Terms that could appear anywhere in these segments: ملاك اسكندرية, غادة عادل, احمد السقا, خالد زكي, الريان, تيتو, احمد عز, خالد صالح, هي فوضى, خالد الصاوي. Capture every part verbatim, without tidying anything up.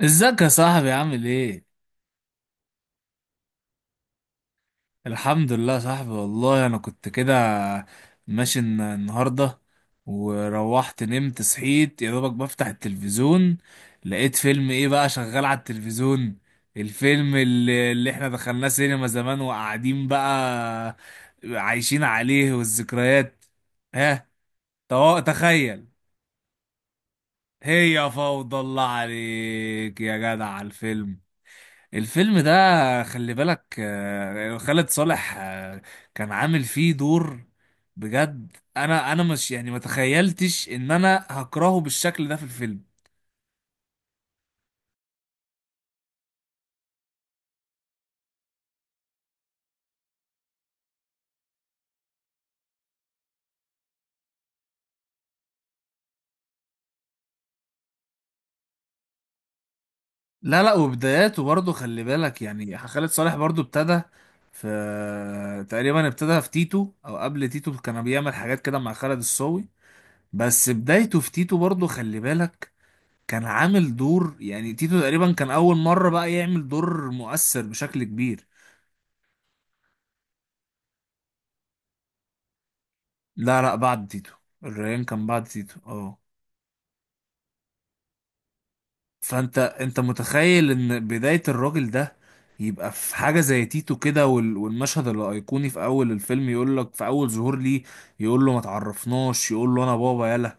ازيك يا صاحبي عامل ايه؟ الحمد لله يا صاحبي، والله انا كنت كده ماشي الن- النهارده. وروحت نمت صحيت يا دوبك بفتح التلفزيون، لقيت فيلم ايه بقى شغال على التلفزيون، الفيلم اللي, اللي احنا دخلناه سينما زمان وقاعدين بقى عايشين عليه والذكريات. ها، تو- تخيل. هي فوضى، الله عليك يا جدع على الفيلم الفيلم ده، خلي بالك، آه، خالد صالح، آه، كان عامل فيه دور. بجد انا انا مش يعني ما تخيلتش ان انا هكرهه بالشكل ده في الفيلم. لا لا، وبداياته برضه خلي بالك، يعني خالد صالح برضه ابتدى في تقريبا، ابتدى في تيتو او قبل تيتو كان بيعمل حاجات كده مع خالد الصاوي. بس بدايته في تيتو برضه خلي بالك، كان عامل دور، يعني تيتو تقريبا كان اول مرة بقى يعمل دور مؤثر بشكل كبير. لا لا بعد تيتو، الريان كان بعد تيتو، اه. فانت انت متخيل ان بداية الراجل ده يبقى في حاجة زي تيتو كده، وال- والمشهد الأيقوني في أول الفيلم يقول لك في أول ظهور ليه يقول له ما تعرفناش، يقول له أنا بابا، يلا.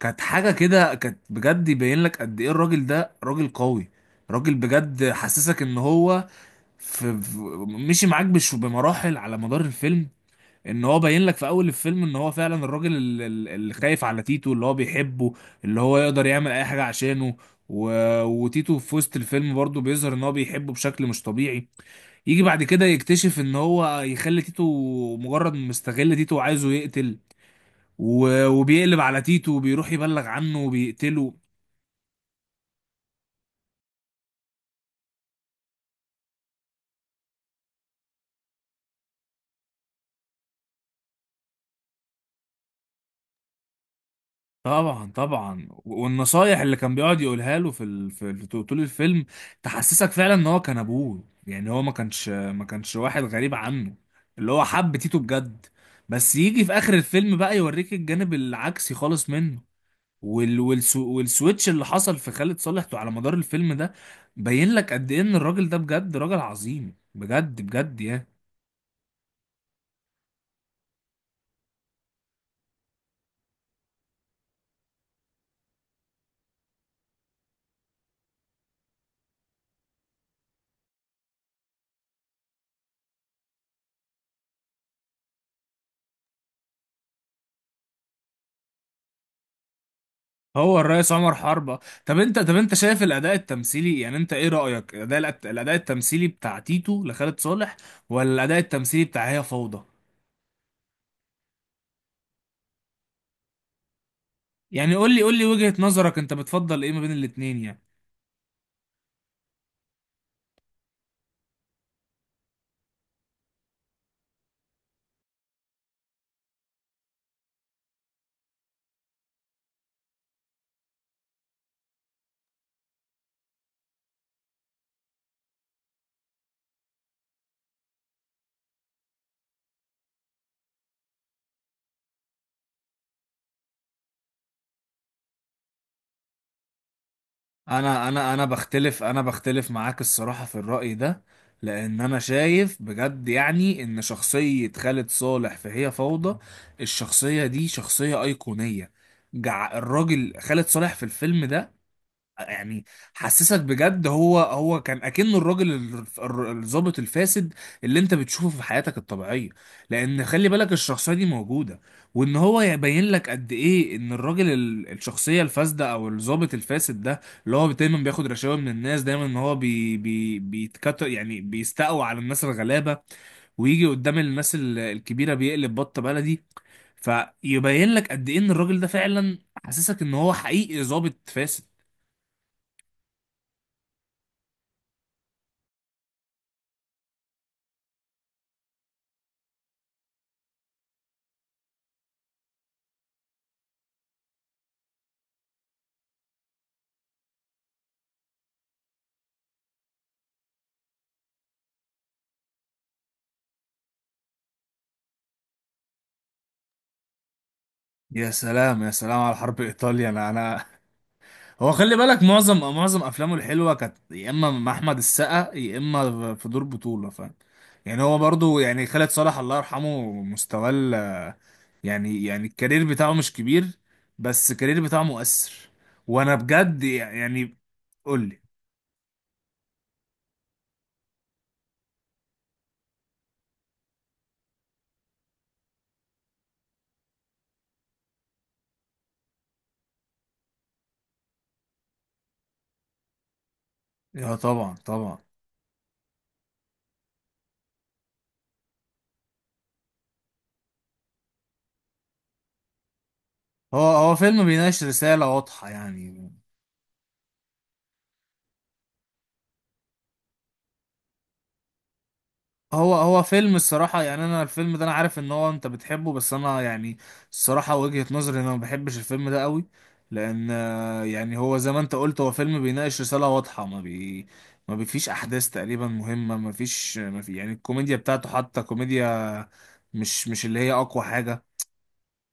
كانت حاجة كده، كانت بجد يبين لك قد إيه الراجل ده راجل قوي، راجل بجد حسسك إن هو في في- مشي معاك بش بمراحل على مدار الفيلم. ان هو باين لك في اول الفيلم ان هو فعلا الراجل ال- ال- اللي خايف على تيتو، اللي هو بيحبه، اللي هو يقدر يعمل اي حاجة عشانه. و... وتيتو في وسط الفيلم برضه بيظهر ان هو بيحبه بشكل مش طبيعي. يجي بعد كده يكتشف ان هو يخلي تيتو، مجرد مستغل تيتو وعايزه يقتل. و... وبيقلب على تيتو وبيروح يبلغ عنه وبيقتله. طبعا طبعا، والنصايح اللي كان بيقعد يقولها له في ال... في في- طول الفيلم، تحسسك فعلا ان هو كان ابوه، يعني هو ما كانش ما كانش واحد غريب عنه، اللي هو حب تيتو بجد. بس يجي في اخر الفيلم بقى يوريك الجانب العكسي خالص منه. وال... والسو... والسويتش اللي حصل في خالد صالح على مدار الفيلم ده بين لك قد ايه ان الراجل ده بجد راجل عظيم، بجد بجد يعني. هو الرئيس عمر حربة؟ طب انت طب انت شايف الاداء التمثيلي، يعني انت ايه رأيك؟ الاداء الاداء التمثيلي بتاع تيتو لخالد صالح، ولا الاداء التمثيلي بتاع هي فوضى؟ يعني قول لي قول لي وجهة نظرك، انت بتفضل ايه ما بين الاتنين يعني؟ انا انا انا بختلف انا بختلف معاك الصراحة في الرأي ده. لان انا شايف بجد يعني ان شخصية خالد صالح في هي فوضى، الشخصية دي شخصية ايقونية. جع الراجل خالد صالح في الفيلم ده يعني حسسك بجد هو هو كان اكنه الراجل ال- الر- الضابط الفاسد اللي انت بتشوفه في حياتك الطبيعيه. لان خلي بالك الشخصيه دي موجوده، وان هو يبين لك قد ايه ان الراجل ال- الشخصيه الفاسده او الضابط الفاسد ده، اللي هو دايما بياخد رشاوى من الناس، دايما ان هو بي بي بيتكتر يعني، بيستقوى على الناس الغلابه، ويجي قدام الناس ال- الكبيره بيقلب بطه بلدي. فيبين لك قد ايه ان الراجل ده فعلا حاسسك ان هو حقيقي ضابط فاسد. يا سلام يا سلام على حرب ايطاليا، انا انا هو خلي بالك معظم معظم افلامه الحلوه كانت يا اما مع احمد السقا، يا اما في دور بطوله، فاهم؟ يعني هو برضو يعني خالد صالح الله يرحمه، مستواه ال- يعني يعني الكارير بتاعه مش كبير، بس الكارير بتاعه مؤثر. وانا بجد يعني، قول لي. يا طبعا طبعا. هو هو فيلم بيناقش رساله واضحه يعني. هو هو فيلم الصراحة يعني، أنا الفيلم ده أنا عارف إن هو أنت بتحبه، بس أنا يعني الصراحة وجهة نظري إن أنا ما بحبش الفيلم ده قوي. لأن آه، يعني هو زي ما أنت قلت هو فيلم بيناقش رسالة واضحة، ما بي ما بيفيش أحداث تقريبا مهمة، ما فيش ما في يعني الكوميديا بتاعته حتى كوميديا مش مش اللي هي أقوى حاجة.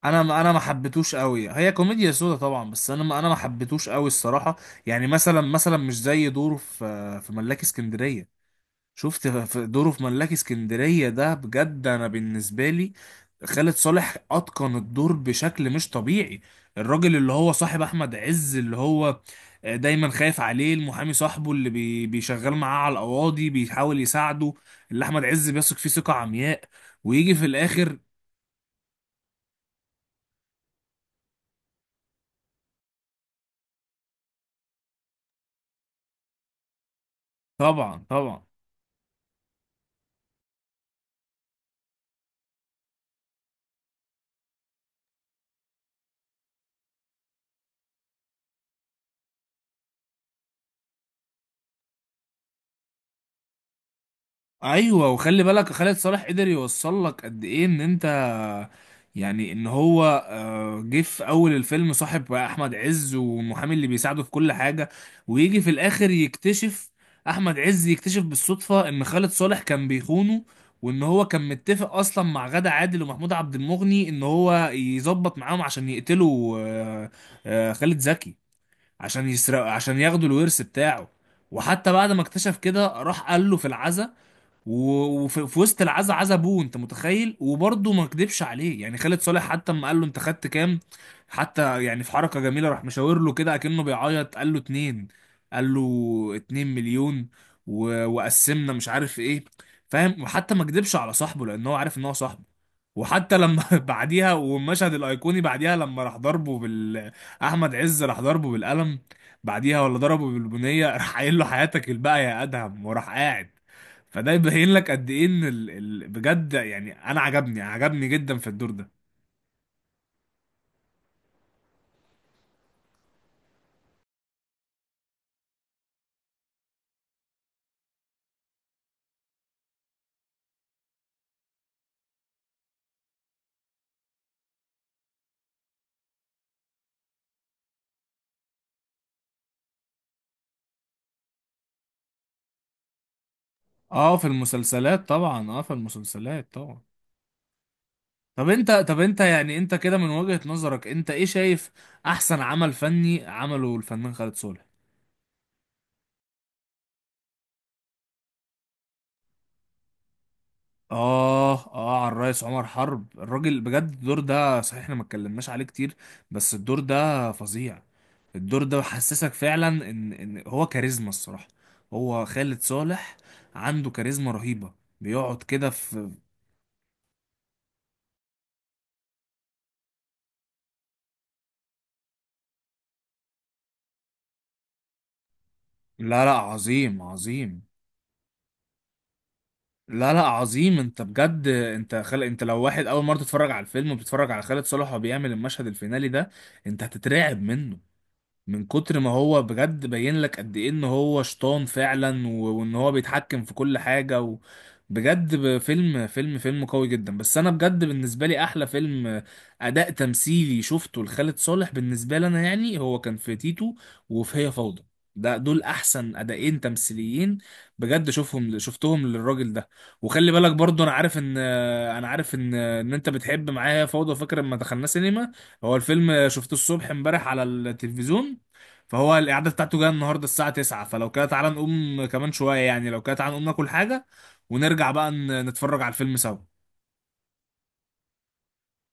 أنا ما أنا ما حبيتوش قوي. هي كوميديا سودا طبعا، بس أنا ما أنا ما حبيتوش قوي الصراحة. يعني مثلا مثلا مش زي دوره في في ملاك اسكندرية. شفت في دوره في ملاك اسكندرية ده، بجد انا بالنسبة لي خالد صالح اتقن الدور بشكل مش طبيعي. الراجل اللي هو صاحب احمد عز، اللي هو دايما خايف عليه، المحامي صاحبه اللي بي- بيشغل معاه على القواضي، بيحاول يساعده، اللي احمد عز بيثق فيه ثقة عمياء. ويجي في الاخر. طبعا طبعا، ايوه. وخلي بالك خالد صالح قدر يوصل لك قد ايه ان انت، يعني ان هو آه، جه في اول الفيلم صاحب بقى احمد عز والمحامي اللي بيساعده في كل حاجه. ويجي في الاخر يكتشف احمد عز، يكتشف بالصدفه ان خالد صالح كان بيخونه، وان هو كان متفق اصلا مع غادة عادل ومحمود عبد المغني ان هو يظبط معاهم عشان يقتلوا، آه، آه، خالد زكي، عشان يسرقوا، عشان ياخدوا الورث بتاعه. وحتى بعد ما اكتشف كده راح قال له في العزا، و- وفي في وسط العزا، عزا ابوه، انت متخيل، وبرضه ما كدبش عليه يعني. خالد صالح حتى اما قال له انت خدت كام، حتى يعني في حركة جميلة راح مشاور له كده اكنه بيعيط، قال له اتنين قال له اتنين مليون، و... وقسمنا مش عارف ايه، فاهم. وحتى ما كدبش على صاحبه لان هو عارف ان هو صاحبه. وحتى لما بعديها والمشهد الايقوني بعديها، لما راح ضربه بال احمد عز راح ضربه بالقلم بعديها، ولا ضربه بالبنيه، راح قايل له حياتك الباقيه يا ادهم، وراح قاعد. فده يبين لك قد ايه ان ال... ال... بجد يعني انا عجبني عجبني جدا في الدور ده. اه في المسلسلات طبعا، اه في المسلسلات طبعا. طب انت طب انت يعني انت كده من وجهة نظرك انت ايه شايف احسن عمل فني عمله الفنان خالد صالح؟ آه آه على الرئيس عمر حرب، الراجل بجد، الدور ده صحيح احنا ما اتكلمناش عليه كتير، بس الدور ده فظيع. الدور ده حسسك فعلا إن إن هو كاريزما الصراحة. هو خالد صالح عنده كاريزما رهيبة، بيقعد كده في. لا لا عظيم عظيم، لا لا عظيم. انت بجد، انت خل... انت لو واحد اول مره تتفرج على الفيلم وبتتفرج على خالد صالح وهو بيعمل المشهد الفينالي ده، انت هتترعب منه من كتر ما هو، بجد باين لك قد ايه ان هو شيطان فعلا، و- وان هو بيتحكم في كل حاجة. و... بجد، ب- فيلم فيلم فيلم قوي جدا. بس انا بجد بالنسبة لي احلى فيلم اداء تمثيلي شفته لخالد صالح بالنسبة لي انا، يعني هو كان في تيتو وفي هي فوضى، ده دول احسن اداءين تمثيليين بجد. شوفهم شفتهم للراجل ده. وخلي بالك برضو انا عارف ان انا عارف ان ان انت بتحب معايا هي فوضى، فاكر لما دخلنا سينما. هو الفيلم شفته الصبح امبارح على التلفزيون، فهو الإعادة بتاعته جاية النهاردة الساعة تسعة، فلو كده تعالى نقوم كمان شوية يعني. لو كده تعالى نقوم ناكل حاجة، ونرجع بقى ن- نتفرج على الفيلم سوا.